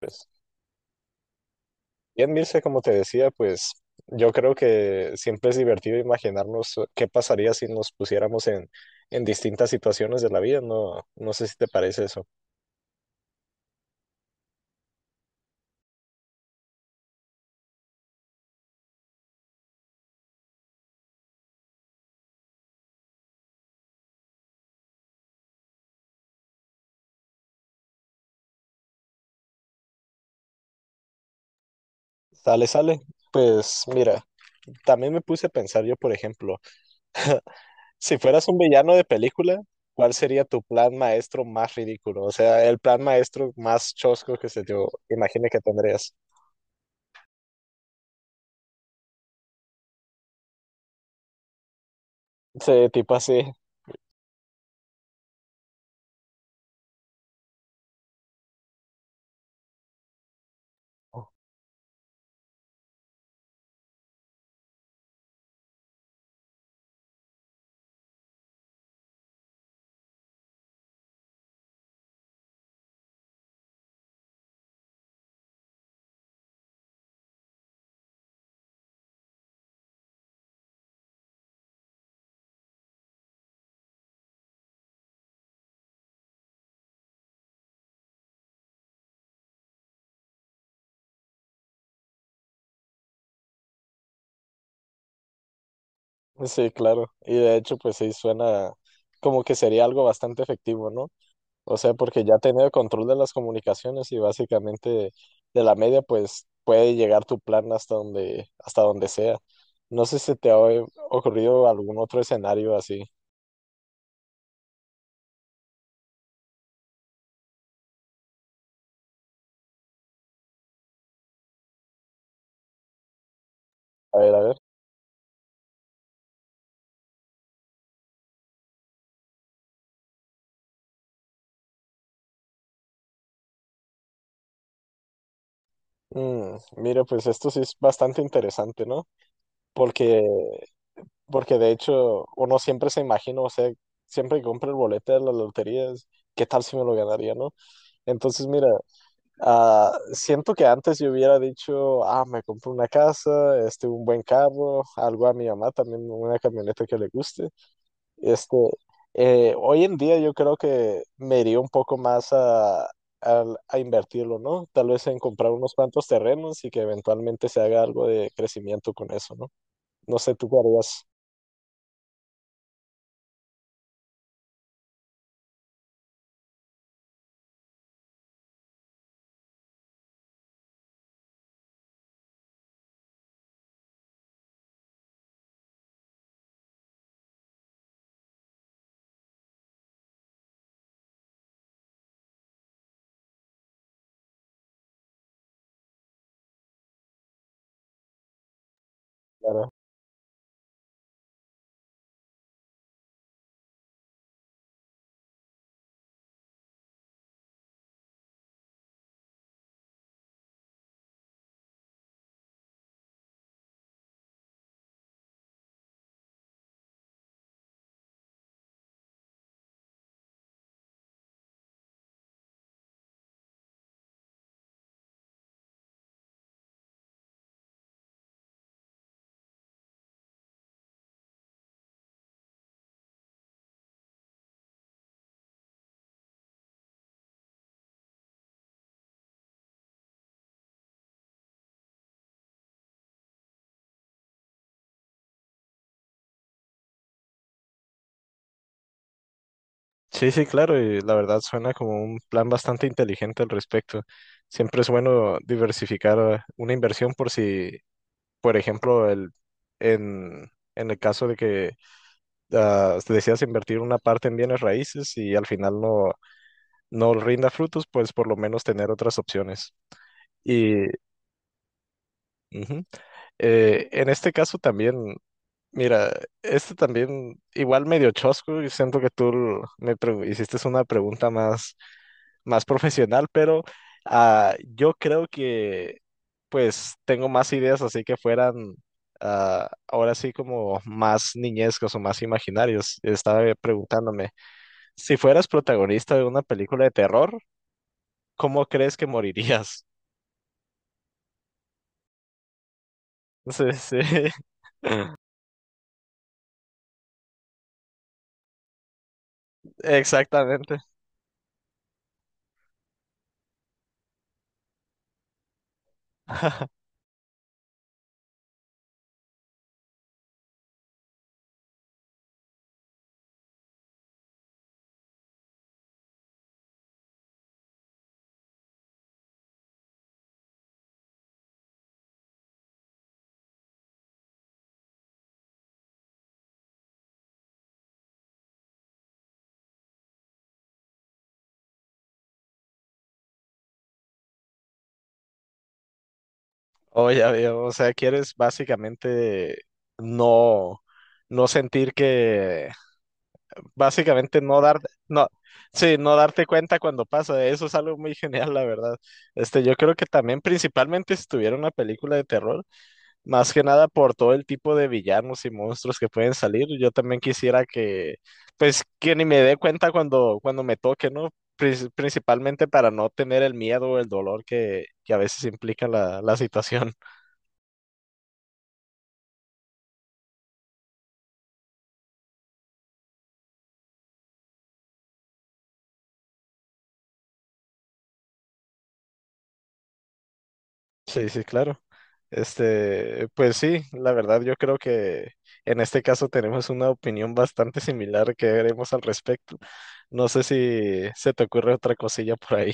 Pues, bien, Mirce, como te decía, pues yo creo que siempre es divertido imaginarnos qué pasaría si nos pusiéramos en distintas situaciones de la vida, no, no sé si te parece eso. Sale, sale. Pues mira, también me puse a pensar yo, por ejemplo, si fueras un villano de película, ¿cuál sería tu plan maestro más ridículo? O sea, el plan maestro más chosco que se te imagine que tendrías. Sí, tipo así. Sí, claro. Y de hecho, pues sí, suena como que sería algo bastante efectivo, ¿no? O sea, porque ya teniendo control de las comunicaciones y básicamente de la media, pues puede llegar tu plan hasta donde sea. No sé si te ha ocurrido algún otro escenario así. A ver, a ver. Mira, pues esto sí es bastante interesante, ¿no? Porque, porque de hecho uno siempre se imagina, o sea, siempre que compra el boleto de las loterías, ¿qué tal si me lo ganaría, no? Entonces, mira. Ah, siento que antes yo hubiera dicho, ah, me compro una casa, este, un buen carro, algo a mi mamá también, una camioneta que le guste. Este, hoy en día yo creo que me iría un poco más a invertirlo, ¿no? Tal vez en comprar unos cuantos terrenos y que eventualmente se haga algo de crecimiento con eso, ¿no? No sé, tú qué harías, Clara? Sí, sí, claro, y la verdad suena como un plan bastante inteligente al respecto. Siempre es bueno diversificar una inversión por si. Por ejemplo, en, en el caso de que te decidas invertir una parte en bienes raíces y al final no, no rinda frutos, pues por lo menos tener otras opciones. Y ujú. En este caso también, mira, este también igual medio chosco y siento que tú hiciste una pregunta más, más profesional, pero yo creo que pues tengo más ideas así que fueran ahora sí como más niñescos o más imaginarios. Estaba preguntándome, si fueras protagonista de una película de terror, ¿cómo crees que morirías? Sí, sí, exactamente. Oh, ya veo. O sea, quieres básicamente no, no sentir que. Básicamente no dar, no, sí, no darte cuenta cuando pasa, eso es algo muy genial, la verdad. Este, yo creo que también principalmente si tuviera una película de terror, más que nada por todo el tipo de villanos y monstruos que pueden salir, yo también quisiera que, pues, que ni me dé cuenta cuando, cuando me toque, ¿no? Principalmente para no tener el miedo o el dolor que a veces implica la situación. Sí, sí, claro. Este, pues sí, la verdad yo creo que en este caso tenemos una opinión bastante similar que veremos al respecto. No sé si se te ocurre otra cosilla por ahí.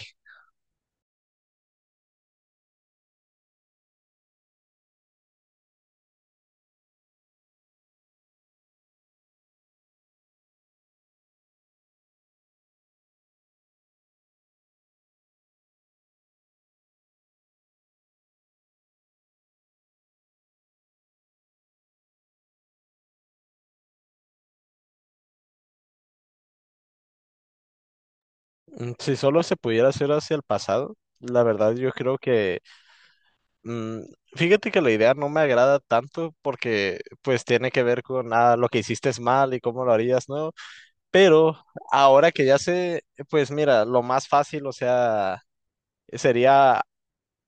Si solo se pudiera hacer hacia el pasado, la verdad yo creo que, mm, fíjate que la idea no me agrada tanto porque pues tiene que ver con lo que hiciste es mal y cómo lo harías, ¿no? Pero ahora que ya sé, pues mira, lo más fácil, o sea, sería,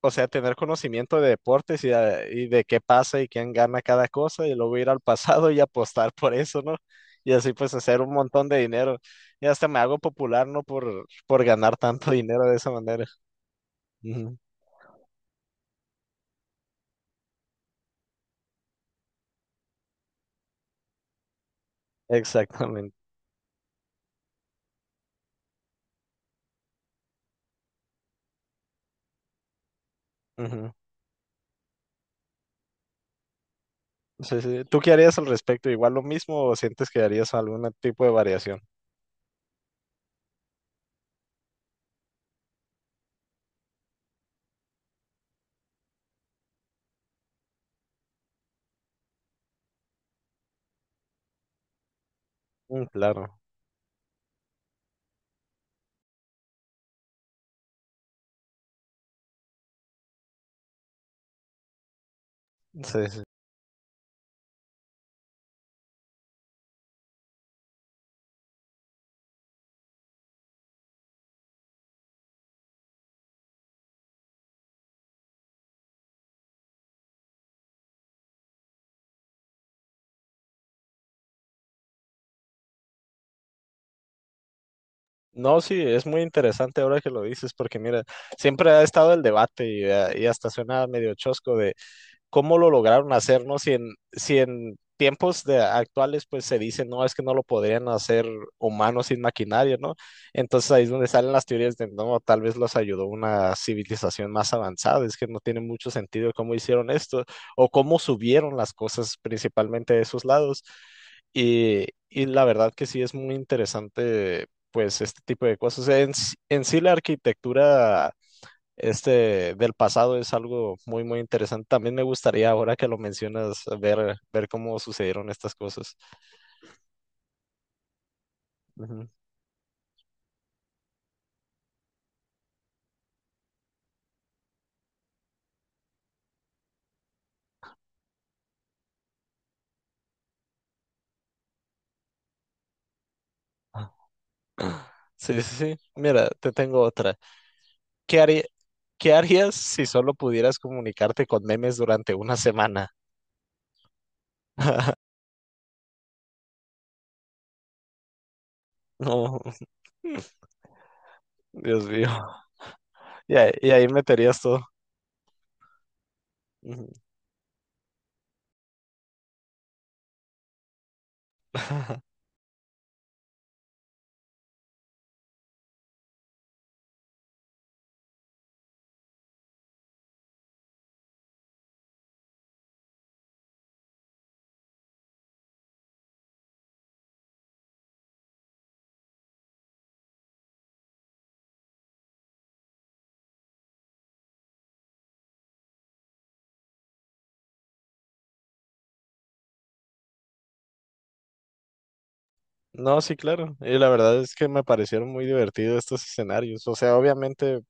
o sea, tener conocimiento de deportes y de qué pasa y quién gana cada cosa y luego ir al pasado y apostar por eso, ¿no? Y así pues hacer un montón de dinero. Y hasta me hago popular, ¿no? Por ganar tanto dinero de esa manera. Ujú, exactamente. Ujú. Sí, sí. ¿Tú qué harías al respecto? ¿Igual lo mismo o sientes que harías algún tipo de variación? Mm, claro, sí, sí. No, sí, es muy interesante ahora que lo dices, porque mira, siempre ha estado el debate y hasta suena medio chosco de cómo lo lograron hacer, ¿no? Si en tiempos de actuales, pues se dice, no, es que no lo podrían hacer humanos sin maquinaria, ¿no? Entonces ahí es donde salen las teorías de, no, tal vez los ayudó una civilización más avanzada, es que no tiene mucho sentido cómo hicieron esto o cómo subieron las cosas principalmente de esos lados. Y la verdad que sí es muy interesante, pues, este tipo de cosas. En sí la arquitectura este del pasado es algo muy, muy interesante. También me gustaría, ahora que lo mencionas, ver cómo sucedieron estas cosas. Ujú. Ah. Sí, sí, sí. Mira, te tengo otra. ¿Qué haría- ¿qué harías si solo pudieras comunicarte con memes durante una semana? No, Dios mío. Y ahí meterías todo. Ujú. No, sí, claro. Y la verdad es que me parecieron muy divertidos estos escenarios. O sea, obviamente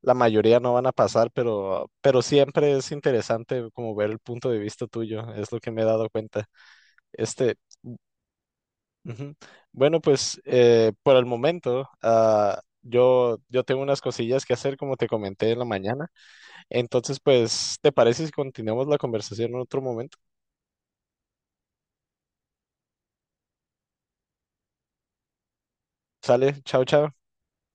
la mayoría no van a pasar, pero siempre es interesante como ver el punto de vista tuyo, es lo que me he dado cuenta. Este, ujú. Bueno, pues por el momento, yo tengo unas cosillas que hacer, como te comenté en la mañana. Entonces, pues, ¿te parece si continuamos la conversación en otro momento? Sale, chao, chao.